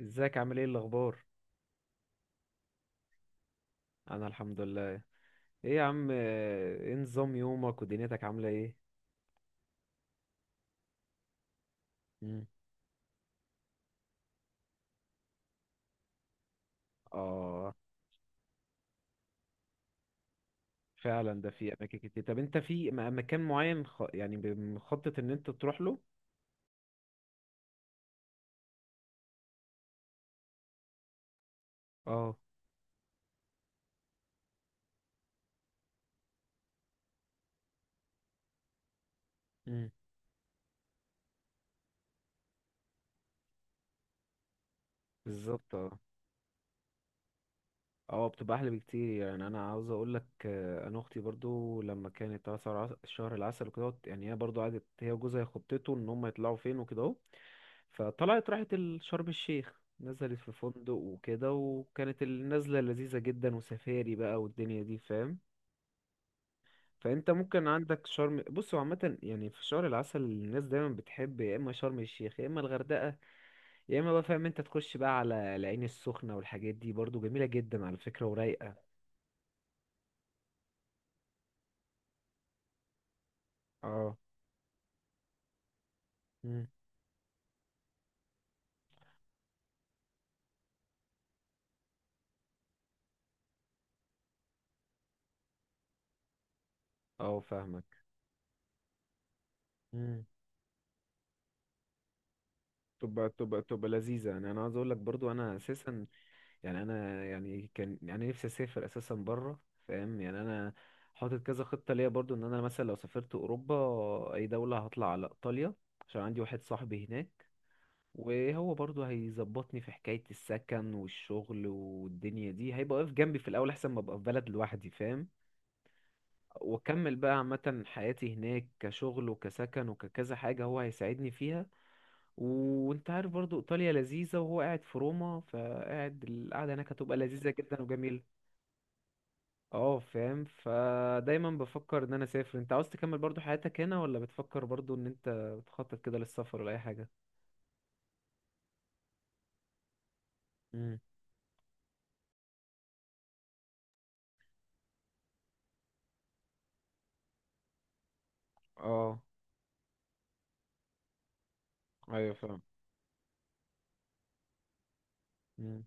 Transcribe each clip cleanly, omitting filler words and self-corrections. ازيك، عامل ايه الاخبار؟ انا الحمد لله. ايه يا عم، ايه نظام يومك ودنيتك عامله ايه؟ مم. اه. فعلا، ده في اماكن كتير. طب انت في مكان معين يعني مخطط ان انت تروح له؟ اه. مم. بالظبط، آه. اه، بتبقى احلى بكتير. يعني انا عاوز اقول لك، انا اختي برضو لما كانت أسعر شهر العسل وكده اهوت، يعني هي برضو قعدت هي وجوزها يخططوا ان هم يطلعوا فين وكده اهو. فطلعت، راحت شرم الشيخ، نزلت في فندق وكده، وكانت النزلة لذيذة جدا وسفاري بقى والدنيا دي، فاهم. فانت ممكن عندك شرم. بص، هو عامة يعني في شهر العسل الناس دايما بتحب يا اما شرم الشيخ يا اما الغردقة، يا اما بقى فاهم انت تخش بقى على العين السخنة. والحاجات دي برضو جميلة جدا على فكرة، ورايقة. اه. اه، فاهمك. مم. تبقى لذيذة. يعني أنا عاوز أقول لك برضو، أنا أساسا يعني أنا يعني كان يعني نفسي أسافر أساسا بره. فاهم، يعني أنا حاطط كذا خطة ليا برضو، إن أنا مثلا لو سافرت أوروبا، أي دولة هطلع على إيطاليا عشان عندي واحد صاحبي هناك، وهو برضو هيظبطني في حكاية السكن والشغل والدنيا دي، هيبقى واقف جنبي في الأول أحسن ما أبقى في بلد لوحدي، فاهم. وأكمل بقى عامة حياتي هناك، كشغل وكسكن وككذا حاجة هو هيساعدني فيها. وانت عارف برضو، ايطاليا لذيذه، وهو قاعد في روما، فقاعد القعده هناك هتبقى لذيذه جدا وجميله. اه، فاهم. فدايما بفكر ان انا اسافر. انت عاوز تكمل برضو حياتك هنا، ولا بتفكر برضو ان انت بتخطط كده للسفر ولا اي حاجه؟ امم اه، ايوه، فاهم. مم.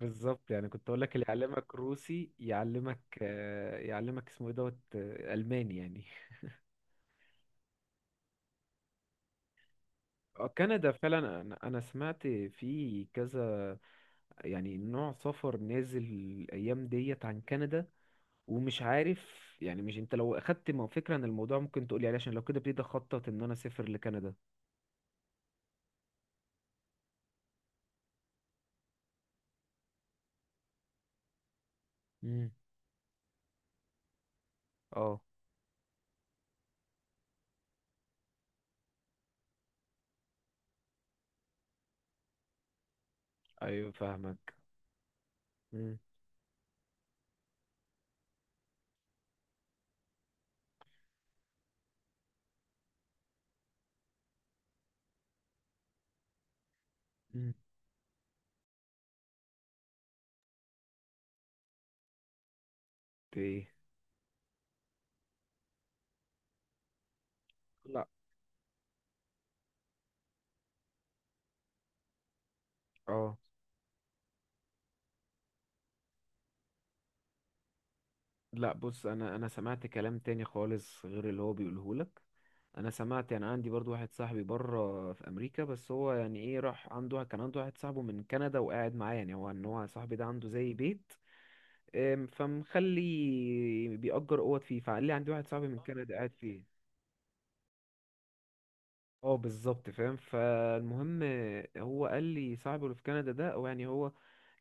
بالظبط. يعني كنت اقول لك اللي يعلمك روسي يعلمك يعلمك اسمه ايه دوت الماني يعني. كندا فعلا، انا سمعت في كذا، يعني نوع سفر نازل الايام ديت عن كندا، ومش عارف. يعني، مش انت لو اخدت فكرة عن الموضوع ممكن تقولي عليه، عشان لو كده ابتديت اخطط ان انا اسافر لكندا. مم. اه، ايوه، فاهمك. مم. مم. ايه؟ لا. اه، لا، بص، انا سمعت كلام تاني خالص غير اللي هو بيقوله لك. انا سمعت يعني عندي برضو واحد صاحبي بره في امريكا، بس هو يعني ايه، راح عنده، كان عنده واحد صاحبه من كندا وقاعد معاه، يعني هو، ان هو صاحبي ده عنده زي بيت، فمخلي بيأجر اوض فيه. فقال لي عندي واحد صاحبي من كندا قاعد فيه. اه، بالظبط، فاهم. فالمهم، هو قال لي صاحبه اللي في كندا ده، او يعني هو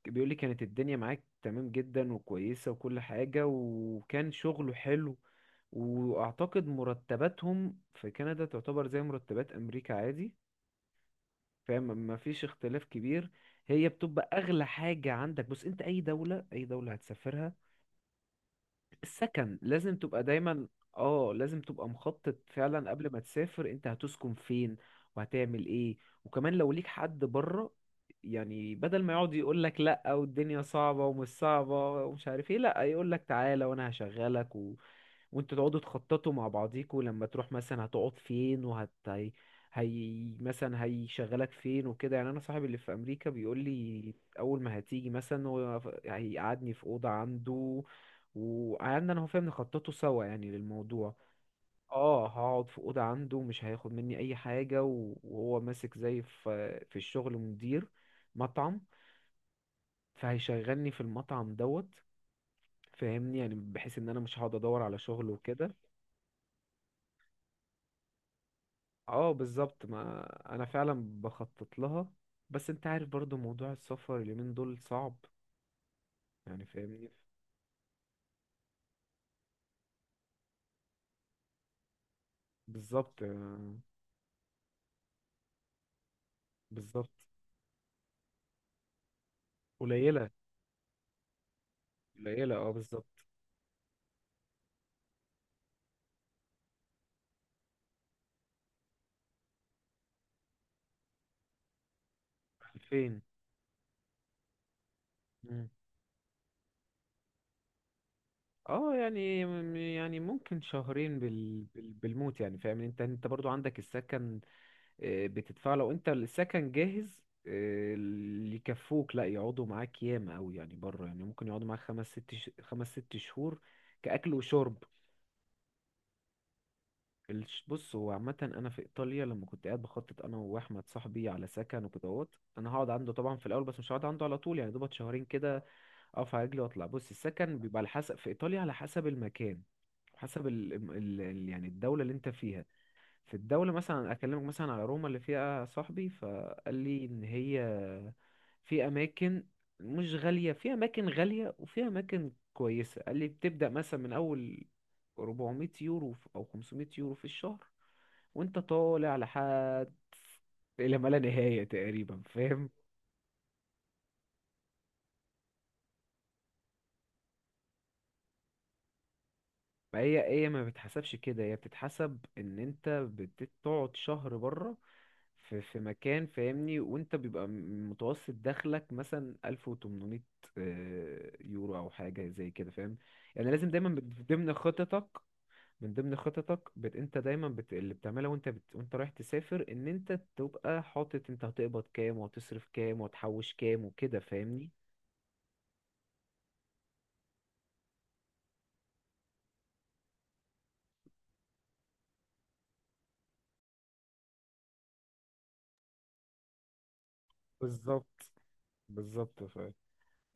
بيقول لي كانت الدنيا معاك تمام جدا وكويسة وكل حاجة، وكان شغله حلو. واعتقد مرتباتهم في كندا تعتبر زي مرتبات امريكا عادي. فاهم، ما فيش اختلاف كبير. هي بتبقى اغلى حاجة عندك. بص، انت اي دولة اي دولة هتسافرها، السكن لازم تبقى دايما. اه، لازم تبقى مخطط فعلا قبل ما تسافر انت هتسكن فين، وهتعمل ايه، وكمان لو ليك حد بره. يعني بدل ما يقعد يقول لك لا، والدنيا صعبة ومش صعبة، ومش عارف ايه. لا، يقول لك تعالى وانا هشغلك و... وانتوا تقعدوا تخططوا مع بعضيكوا لما تروح مثلا هتقعد فين وهت هي، مثلا هيشغلك فين وكده. يعني انا صاحبي اللي في امريكا بيقول لي اول ما هتيجي مثلا هو هيقعدني في اوضه عنده، وقعدنا انا هو، فاهم، نخططه سوا يعني للموضوع. اه، هقعد في اوضه عنده، مش هياخد مني اي حاجه وهو ماسك زي في الشغل، مدير مطعم. فهيشغلني في المطعم دوت. فاهمني، يعني بحيث ان انا مش هقعد ادور على شغل وكده. اه، بالظبط، ما انا فعلا بخطط لها. بس انت عارف برضو موضوع السفر اليومين دول صعب. يعني، فاهمني. بالظبط، بالظبط. قليله. قليله، اه، بالظبط. 2000. اه، يعني يعني ممكن شهرين بالموت، يعني. فاهم، انت برضو عندك السكن. بتدفع. لو انت السكن جاهز، اللي يكفوك، لا، يقعدوا معاك ياما قوي يعني، بره يعني ممكن يقعدوا معاك خمس ست شهور كأكل وشرب. بص، هو عامة أنا في إيطاليا لما كنت قاعد بخطط أنا وأحمد صاحبي على سكن وكدهوت، أنا هقعد عنده طبعا في الأول، بس مش هقعد عنده على طول، يعني دوبت شهرين كده اقف على رجلي واطلع. بص، السكن بيبقى على حسب، في ايطاليا على حسب المكان، حسب يعني الدوله اللي انت فيها. في الدوله مثلا، اكلمك مثلا على روما اللي فيها صاحبي، فقال لي ان هي في اماكن، مش غاليه، في اماكن غاليه وفي اماكن كويسه. قال لي بتبدا مثلا من اول 400 يورو او 500 يورو في الشهر، وانت طالع لحد الى ما لا نهايه تقريبا، فاهم. ما هي ما بتحسبش كده، هي بتتحسب ان انت بتقعد شهر بره، في مكان، فاهمني، وانت بيبقى متوسط دخلك مثلا 1800 يورو او حاجه زي كده، فاهم. يعني لازم دايما من ضمن خططك، من ضمن خططك انت دايما اللي بتعملها وانت وانت رايح تسافر، ان انت تبقى حاطط انت هتقبض كام وهتصرف كام وهتحوش كام وكده، فاهمني. بالظبط. بالظبط.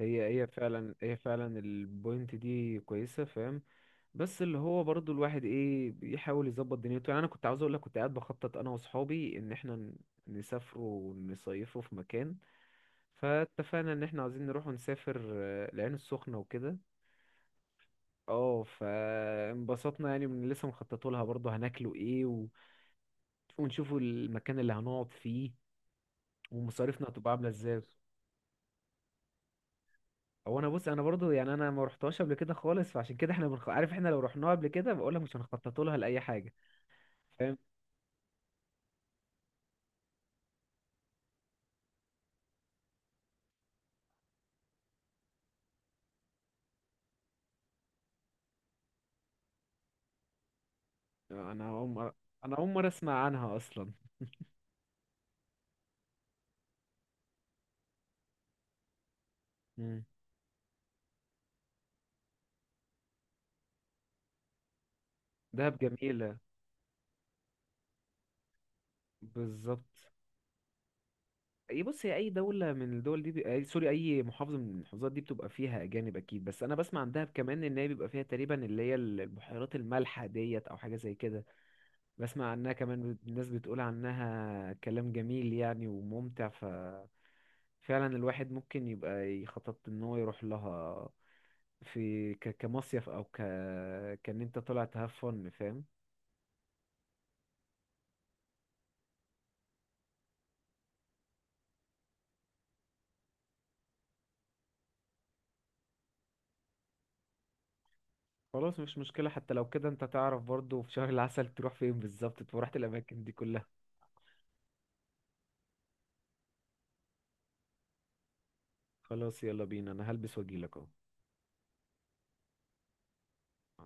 هي فعلا البوينت دي كويسة، فاهم. بس اللي هو برضو، الواحد ايه بيحاول يظبط دنيته. يعني انا كنت عاوز اقول لك كنت قاعد بخطط انا واصحابي ان احنا نسافروا ونصيفوا في مكان. فاتفقنا ان احنا عاوزين نروح ونسافر العين السخنة وكده. اه، فانبسطنا يعني، من لسه مخططوا لها برضو هناكلوا ايه و... ونشوفوا المكان اللي هنقعد فيه، ومصاريفنا هتبقى عاملة ازاي. هو انا، بص انا برضو، يعني انا ما رحتهاش قبل كده خالص، فعشان كده احنا عارف، احنا لو رحناها قبل كده بقول لك مش هنخطط لها لاي حاجه. فاهم. انا اول مره، انا اول مره اسمع عنها اصلا. مم. دهب جميله. بالظبط. اي، بص، هي اي دوله من الدول دي أي سوري، اي محافظه من المحافظات دي بتبقى فيها اجانب اكيد. بس انا بسمع عن دهب كمان ان هي بيبقى فيها تقريبا اللي هي البحيرات المالحه ديت او حاجه زي كده. بسمع عنها كمان، الناس بتقول عنها كلام جميل يعني وممتع. فعلا، الواحد ممكن يبقى يخطط ان هو يروح لها في كمصيف او كان انت طلع تهفن، فاهم. خلاص، مش مشكلة، حتى لو كده انت تعرف برضو في شهر العسل تروح فين بالظبط، تبقى رحت الاماكن دي كلها. خلاص، يلا بينا، انا هلبس واجيلك اهو. مع